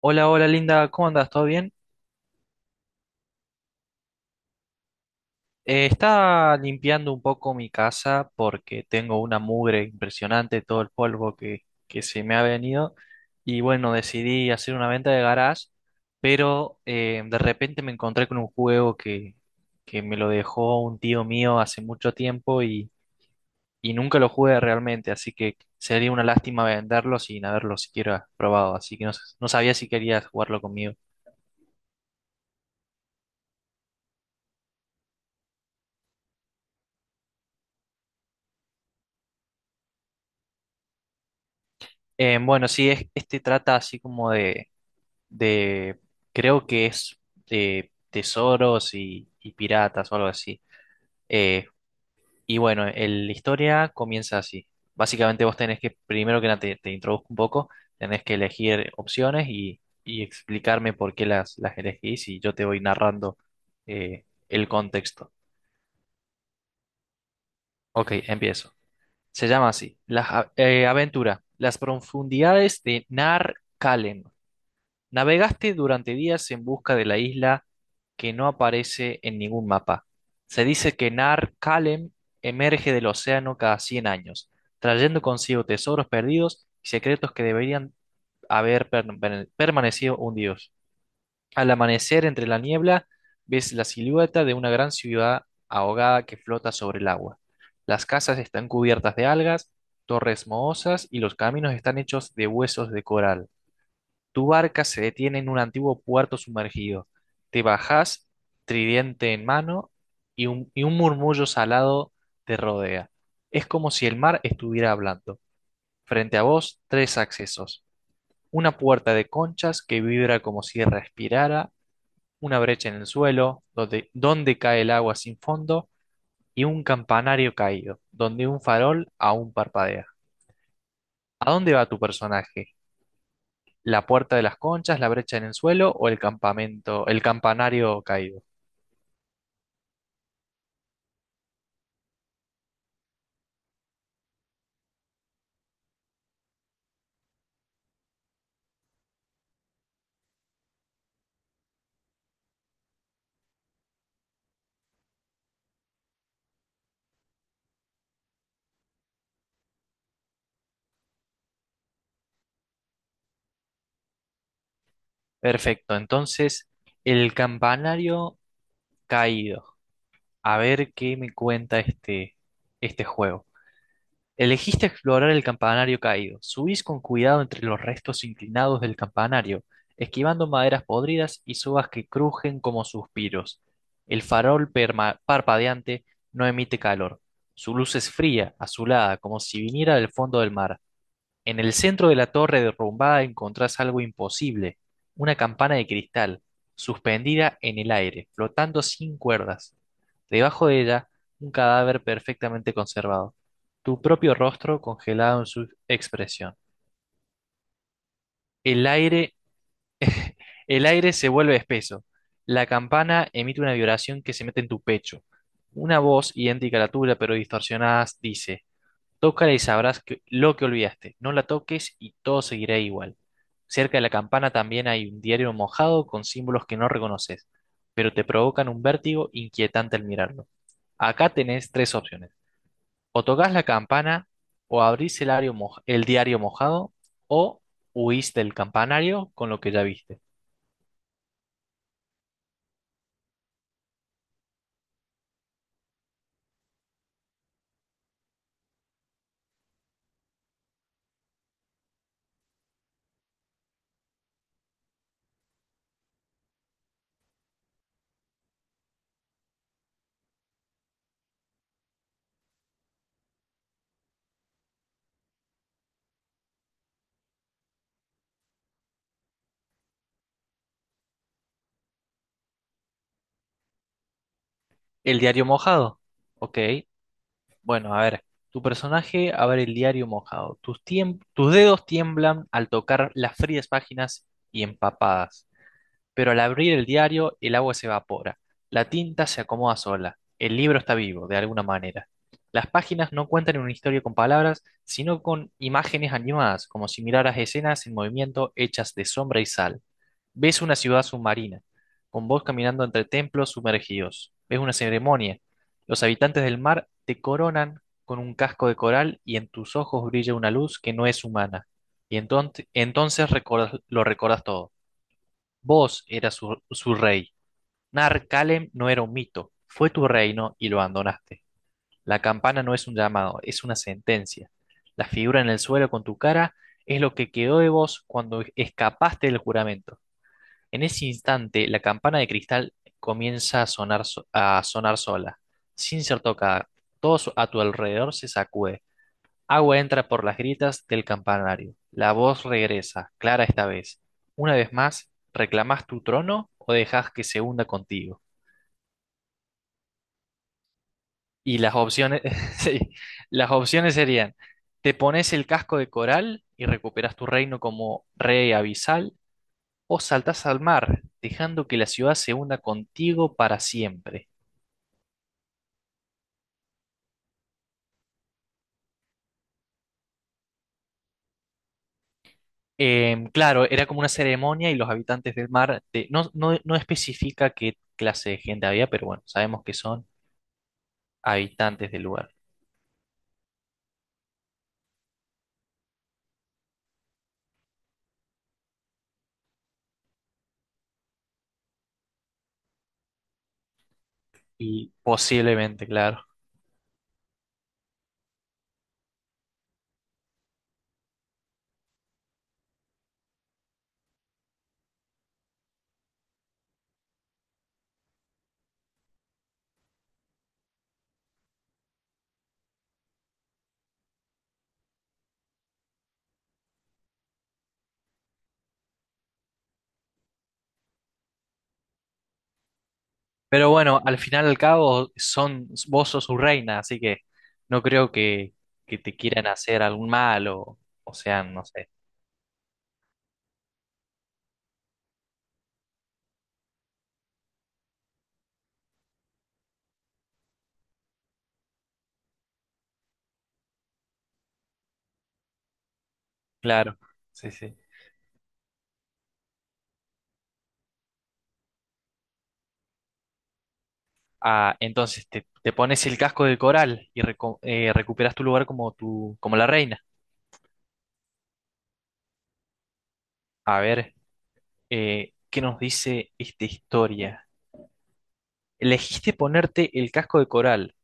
Hola, hola Linda, ¿cómo andas? ¿Todo bien? Estaba limpiando un poco mi casa porque tengo una mugre impresionante, todo el polvo que se me ha venido. Y bueno, decidí hacer una venta de garage, pero de repente me encontré con un juego que me lo dejó un tío mío hace mucho tiempo y nunca lo jugué realmente, así que sería una lástima venderlo sin haberlo siquiera probado, así que no, no sabía si querías jugarlo conmigo. Bueno, sí, es, este trata así como de de, creo que es de tesoros y piratas o algo así. Eh, y bueno, la historia comienza así. Básicamente vos tenés que, primero que nada, te introduzco un poco, tenés que elegir opciones y explicarme por qué las elegís y yo te voy narrando el contexto. Ok, empiezo. Se llama así, la aventura, las profundidades de Nar Kalen. Navegaste durante días en busca de la isla que no aparece en ningún mapa. Se dice que Nar Kalem emerge del océano cada 100 años, trayendo consigo tesoros perdidos y secretos que deberían haber permanecido hundidos. Al amanecer entre la niebla, ves la silueta de una gran ciudad ahogada que flota sobre el agua. Las casas están cubiertas de algas, torres mohosas y los caminos están hechos de huesos de coral. Tu barca se detiene en un antiguo puerto sumergido. Te bajás, tridente en mano, y un murmullo salado te rodea. Es como si el mar estuviera hablando. Frente a vos, tres accesos. Una puerta de conchas que vibra como si respirara, una brecha en el suelo, donde cae el agua sin fondo, y un campanario caído, donde un farol aún parpadea. ¿A dónde va tu personaje? La puerta de las conchas, la brecha en el suelo o el campamento, el campanario caído. Perfecto, entonces el campanario caído. A ver qué me cuenta este juego. Elegiste explorar el campanario caído. Subís con cuidado entre los restos inclinados del campanario, esquivando maderas podridas y sobas que crujen como suspiros. El farol parpadeante no emite calor. Su luz es fría, azulada, como si viniera del fondo del mar. En el centro de la torre derrumbada encontrás algo imposible, una campana de cristal, suspendida en el aire, flotando sin cuerdas. Debajo de ella, un cadáver perfectamente conservado, tu propio rostro congelado en su expresión. El aire, el aire se vuelve espeso. La campana emite una vibración que se mete en tu pecho. Una voz idéntica a la tuya, pero distorsionada, dice: Tócala y sabrás lo que olvidaste. No la toques y todo seguirá igual. Cerca de la campana también hay un diario mojado con símbolos que no reconoces, pero te provocan un vértigo inquietante al mirarlo. Acá tenés tres opciones. O tocas la campana, o abrís el diario, el diario mojado, o huís del campanario con lo que ya viste. El diario mojado. Ok. Bueno, a ver, tu personaje abre el diario mojado. Tus, tus dedos tiemblan al tocar las frías páginas y empapadas. Pero al abrir el diario, el agua se evapora, la tinta se acomoda sola, el libro está vivo, de alguna manera. Las páginas no cuentan una historia con palabras, sino con imágenes animadas, como si miraras escenas en movimiento hechas de sombra y sal. Ves una ciudad submarina, con vos caminando entre templos sumergidos. Ves una ceremonia. Los habitantes del mar te coronan con un casco de coral y en tus ojos brilla una luz que no es humana. Y entonces, entonces lo recordas todo. Vos eras su rey. Nar Kalem no era un mito. Fue tu reino y lo abandonaste. La campana no es un llamado, es una sentencia. La figura en el suelo con tu cara es lo que quedó de vos cuando escapaste del juramento. En ese instante, la campana de cristal comienza a sonar, a sonar sola, sin ser tocada. Todo a tu alrededor se sacude. Agua entra por las grietas del campanario. La voz regresa, clara esta vez. Una vez más, ¿reclamás tu trono o dejás que se hunda contigo? Y las opciones, sí, las opciones serían, te pones el casco de coral y recuperas tu reino como rey abisal, o saltás al mar, dejando que la ciudad se hunda contigo para siempre. Claro, era como una ceremonia y los habitantes del mar, te- no, no, no especifica qué clase de gente había, pero bueno, sabemos que son habitantes del lugar. Y posiblemente, claro. Pero bueno, al final y al cabo, son, vos sos su reina, así que no creo que te quieran hacer algún mal o sean, no sé. Claro, sí, sí. Ah, entonces te pones el casco de coral y recuperas tu lugar como, tu, como la reina. A ver, ¿qué nos dice esta historia? Elegiste ponerte el casco de coral.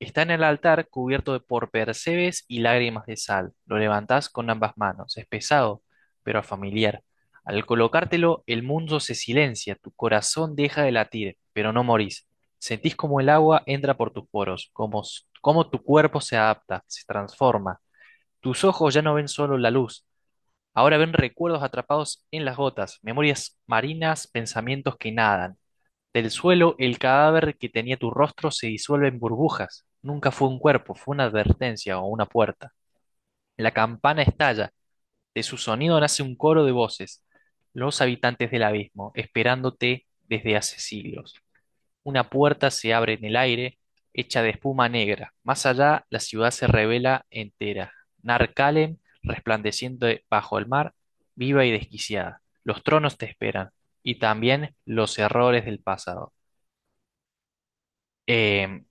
Está en el altar cubierto de- por percebes y lágrimas de sal. Lo levantás con ambas manos. Es pesado, pero familiar. Al colocártelo, el mundo se silencia, tu corazón deja de latir, pero no morís. Sentís como el agua entra por tus poros, como, como tu cuerpo se adapta, se transforma. Tus ojos ya no ven solo la luz, ahora ven recuerdos atrapados en las gotas, memorias marinas, pensamientos que nadan. Del suelo, el cadáver que tenía tu rostro se disuelve en burbujas. Nunca fue un cuerpo, fue una advertencia o una puerta. La campana estalla, de su sonido nace un coro de voces. Los habitantes del abismo, esperándote desde hace siglos. Una puerta se abre en el aire, hecha de espuma negra. Más allá, la ciudad se revela entera. Narcalen, resplandeciendo bajo el mar, viva y desquiciada. Los tronos te esperan, y también los errores del pasado. Em,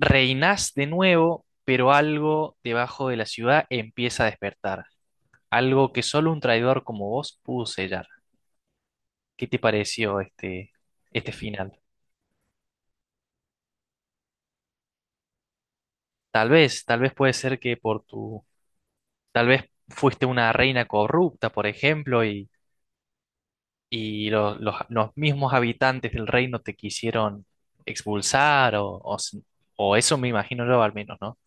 Reinás de nuevo, pero algo debajo de la ciudad empieza a despertar, algo que solo un traidor como vos pudo sellar. ¿Qué te pareció este final? Tal vez puede ser que por tu, tal vez fuiste una reina corrupta, por ejemplo, y los mismos habitantes del reino te quisieron expulsar, o, s- o eso me imagino yo al menos, ¿no?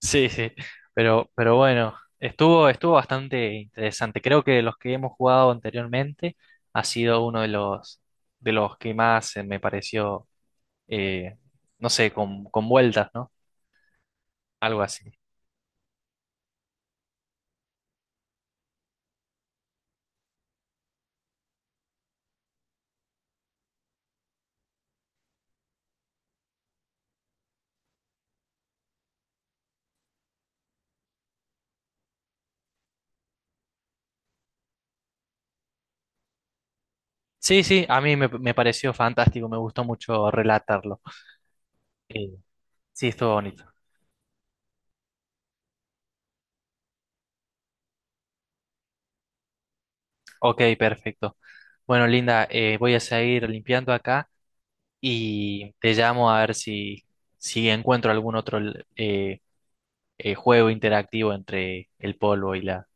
Sí, sí, pero bueno, estuvo, estuvo bastante interesante. Creo que los que hemos jugado anteriormente ha sido uno de los que más me pareció, eh, no sé, con vueltas, ¿no? Algo así. Sí, sí, a mí me, me pareció fantástico, me gustó mucho relatarlo. Eh, sí, estuvo bonito. Ok, perfecto. Bueno, Linda, voy a seguir limpiando acá y te llamo a ver si, si encuentro algún otro eh, juego interactivo entre el polvo y la,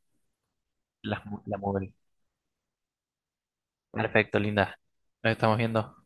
las la mugre. Perfecto, linda. Nos estamos viendo.